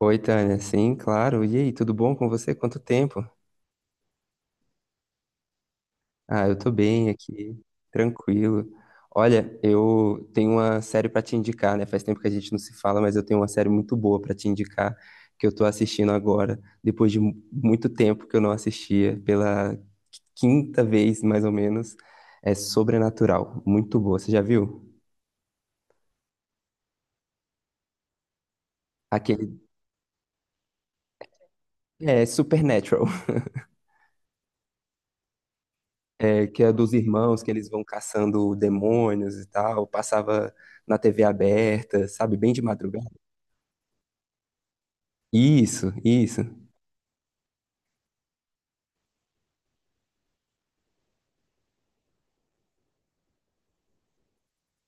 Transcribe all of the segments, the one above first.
Oi, Tânia. Sim, claro. E aí, tudo bom com você? Quanto tempo? Ah, eu tô bem aqui, tranquilo. Olha, eu tenho uma série pra te indicar, né? Faz tempo que a gente não se fala, mas eu tenho uma série muito boa pra te indicar que eu tô assistindo agora, depois de muito tempo que eu não assistia, pela quinta vez mais ou menos. É Sobrenatural, muito boa. Você já viu? Aquele é Supernatural. É, que é dos irmãos que eles vão caçando demônios e tal, passava na TV aberta, sabe, bem de madrugada. Isso, isso,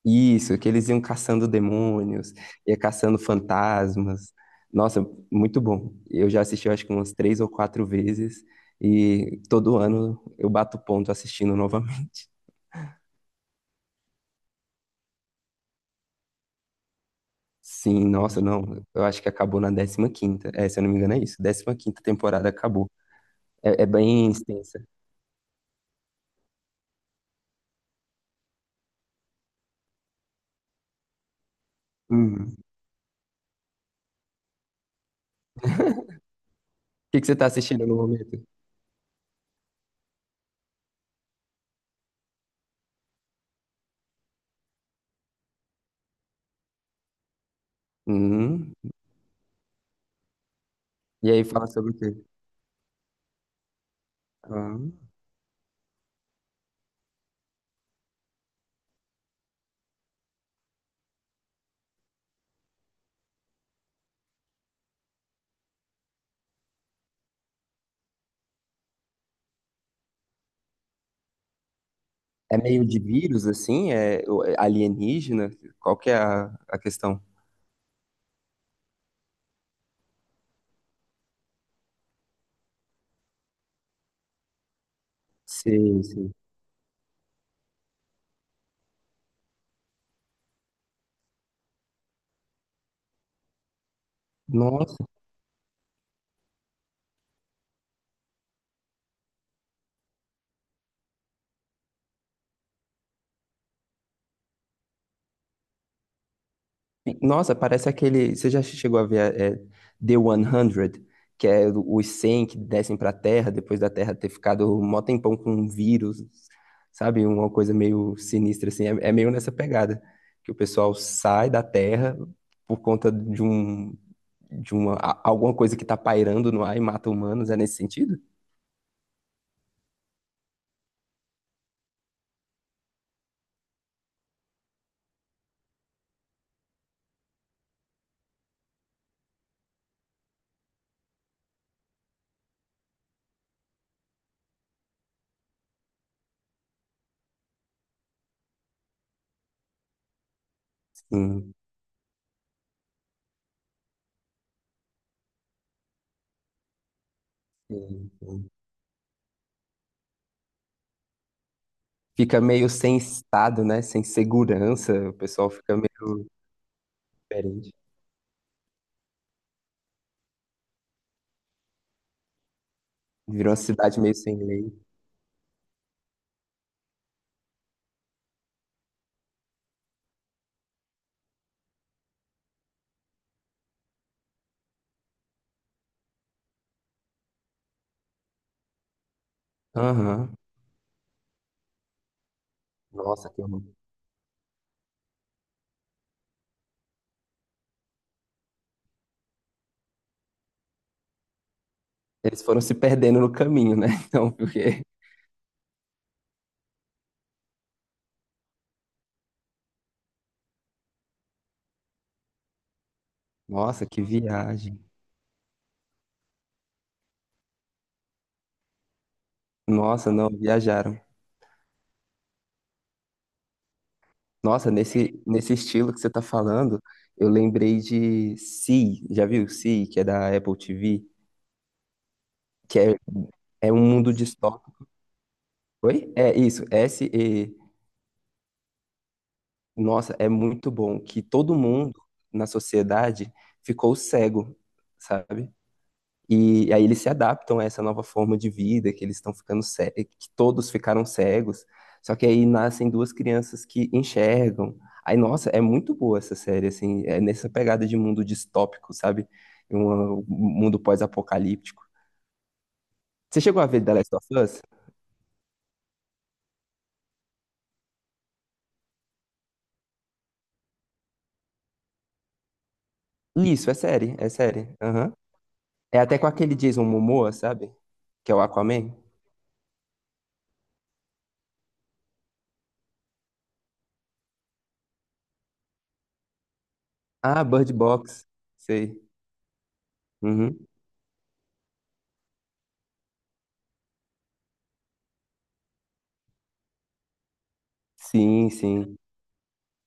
isso, que eles iam caçando demônios, ia caçando fantasmas. Nossa, muito bom. Eu já assisti, eu acho que umas três ou quatro vezes, e todo ano eu bato ponto assistindo novamente. Sim, nossa, não. Eu acho que acabou na 15ª. É, se eu não me engano, é isso. 15ª temporada acabou. É, é bem extensa. Uhum. O que que você está assistindo no momento? Hum. E aí fala sobre o quê? Ah. É meio de vírus, assim? É alienígena? Qual que é a questão? Sim, sim. Nossa, Nossa, parece aquele. Você já chegou a ver The 100, que é os 100 que descem para a Terra depois da Terra ter ficado um mó tempão com um vírus, sabe? Uma coisa meio sinistra, assim. É meio nessa pegada, que o pessoal sai da Terra por conta de um. De uma, alguma coisa que tá pairando no ar e mata humanos, é nesse sentido? Sim, sim, sim. Fica meio sem estado, né? Sem segurança, o pessoal fica meio diferente. Virou uma cidade meio sem lei. Aham. Nossa, que horror. Eles foram se perdendo no caminho, né? Então, porque. Nossa, que viagem. Nossa, não, viajaram. Nossa, nesse estilo que você tá falando, eu lembrei de Sea. Já viu Sea, que é da Apple TV? Que é um mundo distópico. Oi? É isso, S-E. Nossa, é muito bom que todo mundo na sociedade ficou cego, sabe? E aí eles se adaptam a essa nova forma de vida, que eles estão ficando cegos que todos ficaram cegos. Só que aí nascem duas crianças que enxergam. Aí, nossa, é muito boa essa série, assim, é nessa pegada de mundo distópico, sabe? Um mundo pós-apocalíptico. Você chegou a ver The Last of Us? Isso, é série, é série. Aham. É até com aquele Jason Momoa, sabe? Que é o Aquaman. Ah, Bird Box. Sei. Uhum. Sim, sim.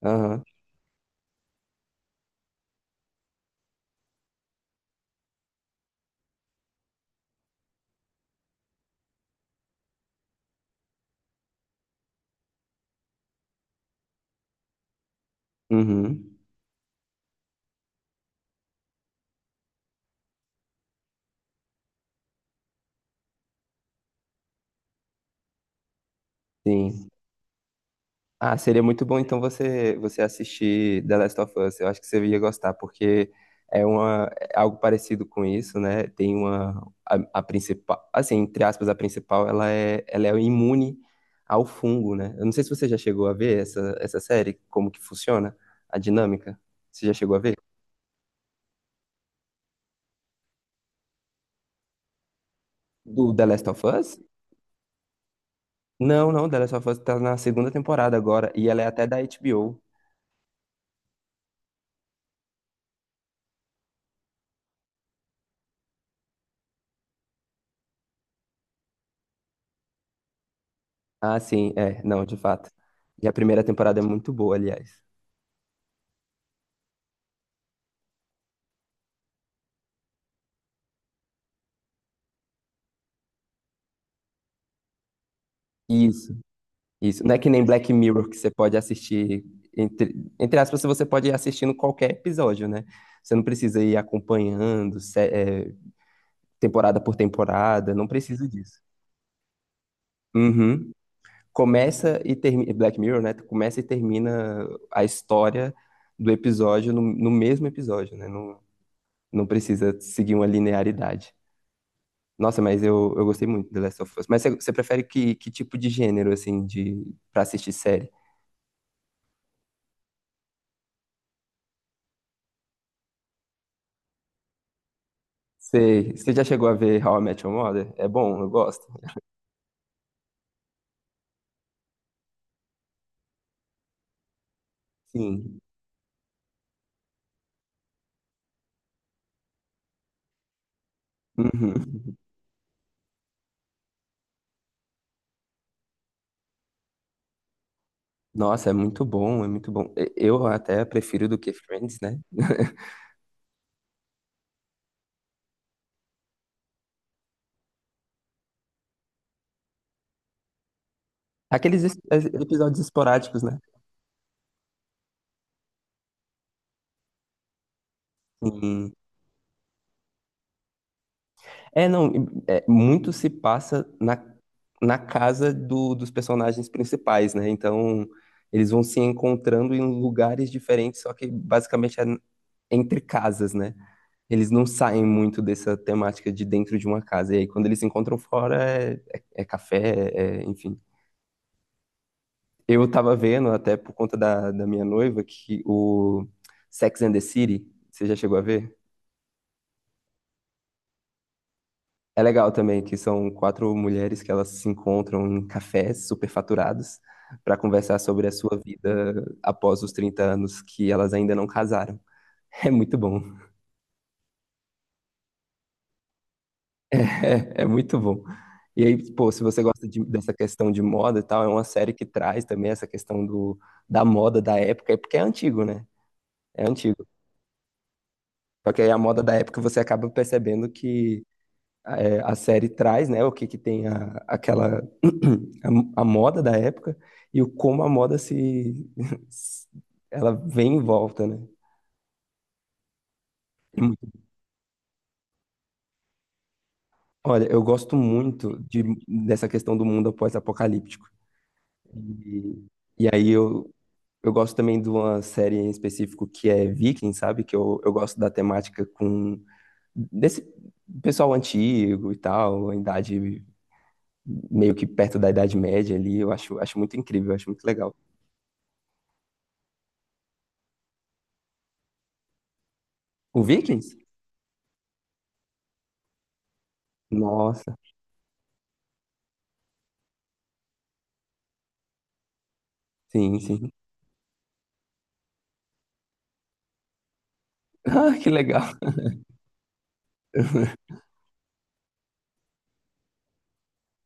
Aham. Uhum. Sim. Ah, seria muito bom então você assistir The Last of Us. Eu acho que você ia gostar, porque é uma é algo parecido com isso, né? Tem a principal, assim, entre aspas, a principal, ela é imune ao fungo, né? Eu não sei se você já chegou a ver essa série, como que funciona a dinâmica. Você já chegou a ver? Do The Last of Us? Não, não, The Last of Us tá na segunda temporada agora e ela é até da HBO. Ah, sim, é, não, de fato. E a primeira temporada é muito boa, aliás. Isso. Isso, não é que nem Black Mirror que você pode assistir, entre aspas, você pode ir assistindo qualquer episódio, né? Você não precisa ir acompanhando, temporada por temporada, não precisa disso. Uhum. Começa e termina, Black Mirror, né? Começa e termina a história do episódio no mesmo episódio, né? Não, não precisa seguir uma linearidade. Nossa, mas eu gostei muito de The Last of Us. Mas você prefere que tipo de gênero, assim, pra assistir série? Sei. Você já chegou a ver How I Met Your Mother? É bom, eu gosto. Sim. Uhum. Nossa, é muito bom, é muito bom. Eu até prefiro do que Friends, né? Aqueles episódios esporádicos, né? Sim. É, não, muito se passa na casa dos personagens principais, né? Então, eles vão se encontrando em lugares diferentes, só que basicamente é entre casas, né? Eles não saem muito dessa temática de dentro de uma casa. E aí, quando eles se encontram fora, é café, enfim. Eu tava vendo, até por conta da minha noiva, que o Sex and the City, você já chegou a ver? É legal também, que são quatro mulheres que elas se encontram em cafés superfaturados para conversar sobre a sua vida após os 30 anos que elas ainda não casaram. É muito bom. É muito bom. E aí, pô, se você gosta dessa questão de moda e tal, é uma série que traz também essa questão da moda da época, é porque é antigo, né? É antigo. Só que aí a moda da época você acaba percebendo que a série traz, né, o que que tem aquela, a moda da época e o como a moda se, ela vem em volta, né? É. Olha, eu gosto muito dessa questão do mundo após apocalíptico. E, e aí eu gosto também de uma série em específico que é Viking, sabe? Que eu gosto da temática com desse pessoal antigo e tal, a idade meio que perto da Idade Média ali. Eu acho muito incrível, eu acho muito legal. O Vikings? Nossa, sim, sim. Ah, que legal.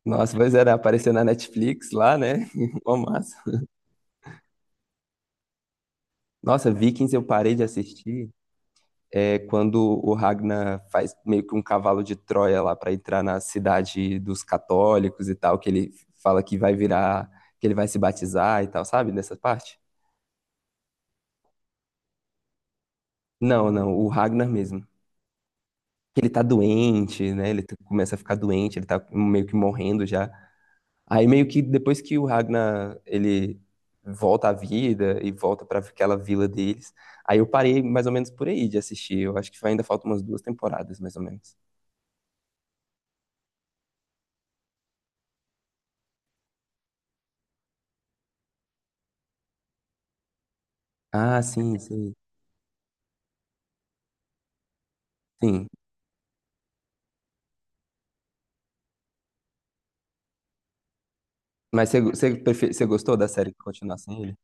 Nossa, pois era, apareceu na Netflix lá, né? Uma massa. Nossa, Vikings eu parei de assistir. É quando o Ragnar faz meio que um cavalo de Troia lá para entrar na cidade dos católicos e tal, que ele fala que vai virar, que ele vai se batizar e tal, sabe? Nessa parte? Não, não, o Ragnar mesmo. Ele tá doente, né? Ele começa a ficar doente, ele tá meio que morrendo já. Aí meio que depois que o Ragnar ele volta à vida e volta para aquela vila deles, aí eu parei mais ou menos por aí de assistir. Eu acho que ainda faltam umas duas temporadas, mais ou menos. Ah, sim, sim, sim. Mas você gostou da série continuar sem ele?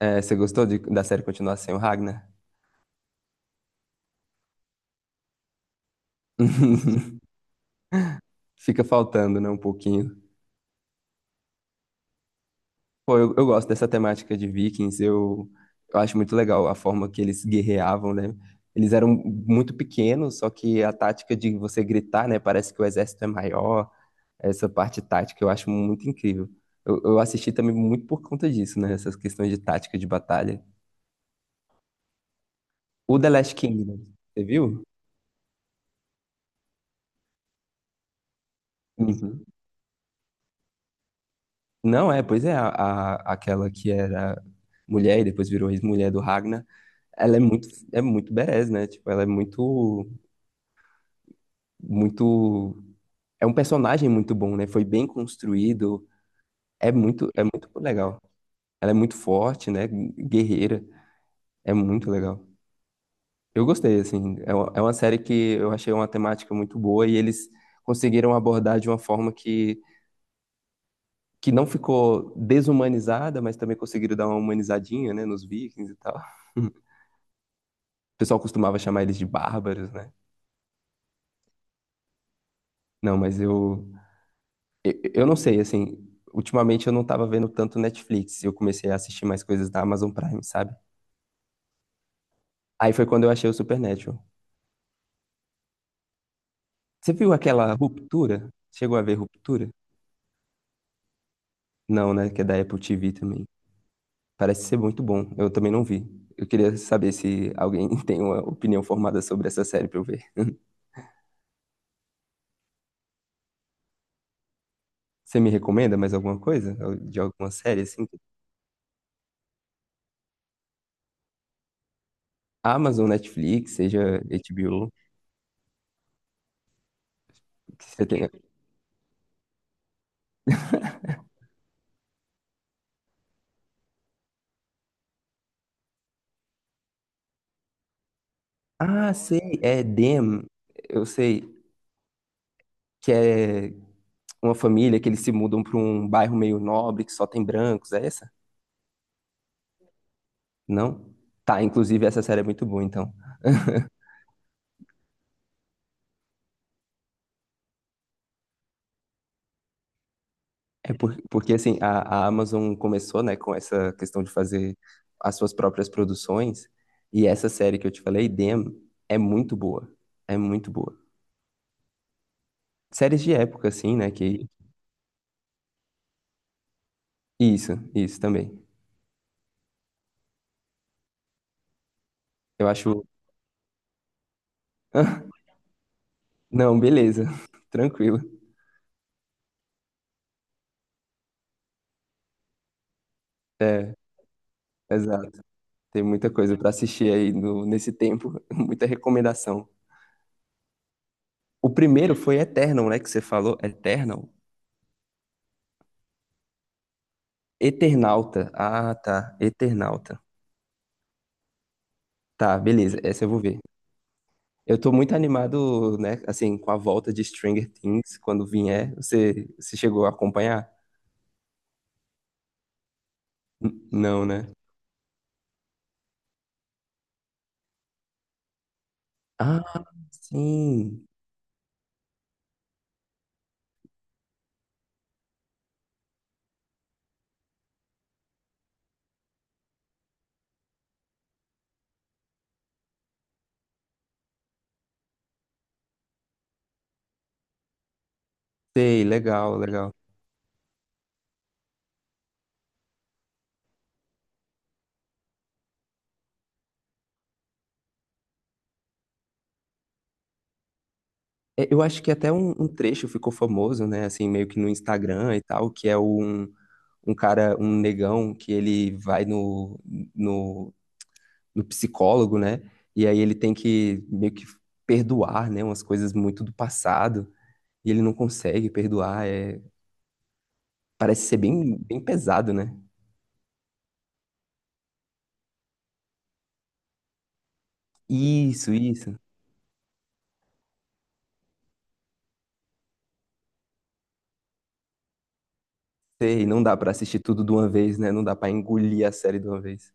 É, você gostou da série continuar sem o Ragnar? Fica faltando, né, um pouquinho. Pô, eu gosto dessa temática de Vikings, eu acho muito legal a forma que eles guerreavam, né? Eles eram muito pequenos, só que a tática de você gritar, né, parece que o exército é maior, essa parte tática eu acho muito incrível. Eu assisti também muito por conta disso, né, essas questões de tática de batalha. O The Last Kingdom, você viu? Uhum. Não é, pois é, aquela que era mulher e depois virou ex-mulher do Ragnar, ela é muito badass, né? Tipo, ela é muito, muito, é um personagem muito bom, né? Foi bem construído, é muito legal. Ela é muito forte, né? Guerreira, é muito legal. Eu gostei, assim, é uma série que eu achei uma temática muito boa e eles conseguiram abordar de uma forma que não ficou desumanizada, mas também conseguiram dar uma humanizadinha, né, nos Vikings e tal. O pessoal costumava chamar eles de bárbaros, né? Não, mas eu não sei, assim, ultimamente eu não tava vendo tanto Netflix, eu comecei a assistir mais coisas da Amazon Prime, sabe? Aí foi quando eu achei o Supernatural. Você viu aquela Ruptura? Chegou a ver Ruptura? Não, né? Que é da Apple TV também. Parece ser muito bom. Eu também não vi. Eu queria saber se alguém tem uma opinião formada sobre essa série pra eu ver. Você me recomenda mais alguma coisa? De alguma série, assim? Amazon, Netflix, seja HBO, que você tem. Ah, sei, é Dem, eu sei, que é uma família que eles se mudam para um bairro meio nobre que só tem brancos, é essa? Não? Tá, inclusive essa série é muito boa, então. É porque assim, a Amazon começou, né, com essa questão de fazer as suas próprias produções, e essa série que eu te falei, Dem, é muito boa. É muito boa. Séries de época, assim, né, que... Isso também. Eu acho... Não, beleza. Tranquilo. É, exato. Tem muita coisa pra assistir aí no, nesse tempo, muita recomendação. O primeiro foi Eternal, né? Que você falou. Eternal? Eternauta. Ah, tá. Eternauta. Tá, beleza. Essa eu vou ver. Eu tô muito animado, né? Assim, com a volta de Stranger Things, quando vier. Você chegou a acompanhar? Não, né? Ah, sim. Sei, legal, legal. É, eu acho que até um trecho ficou famoso, né? Assim, meio que no Instagram e tal, que é um cara, um negão, que ele vai no, no psicólogo, né? E aí ele tem que meio que perdoar, né? Umas coisas muito do passado. E ele não consegue perdoar. É... Parece ser bem, bem pesado, né? Isso, isso. Sei, não dá pra assistir tudo de uma vez, né? Não dá pra engolir a série de uma vez.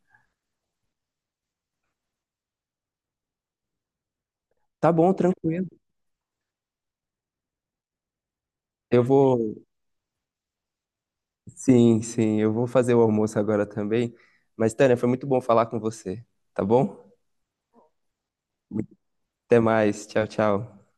Tá bom, tranquilo. Eu vou. Sim, sim, eu vou fazer o almoço agora também. Mas, Tânia, foi muito bom falar com você, tá bom? Até mais, tchau, tchau.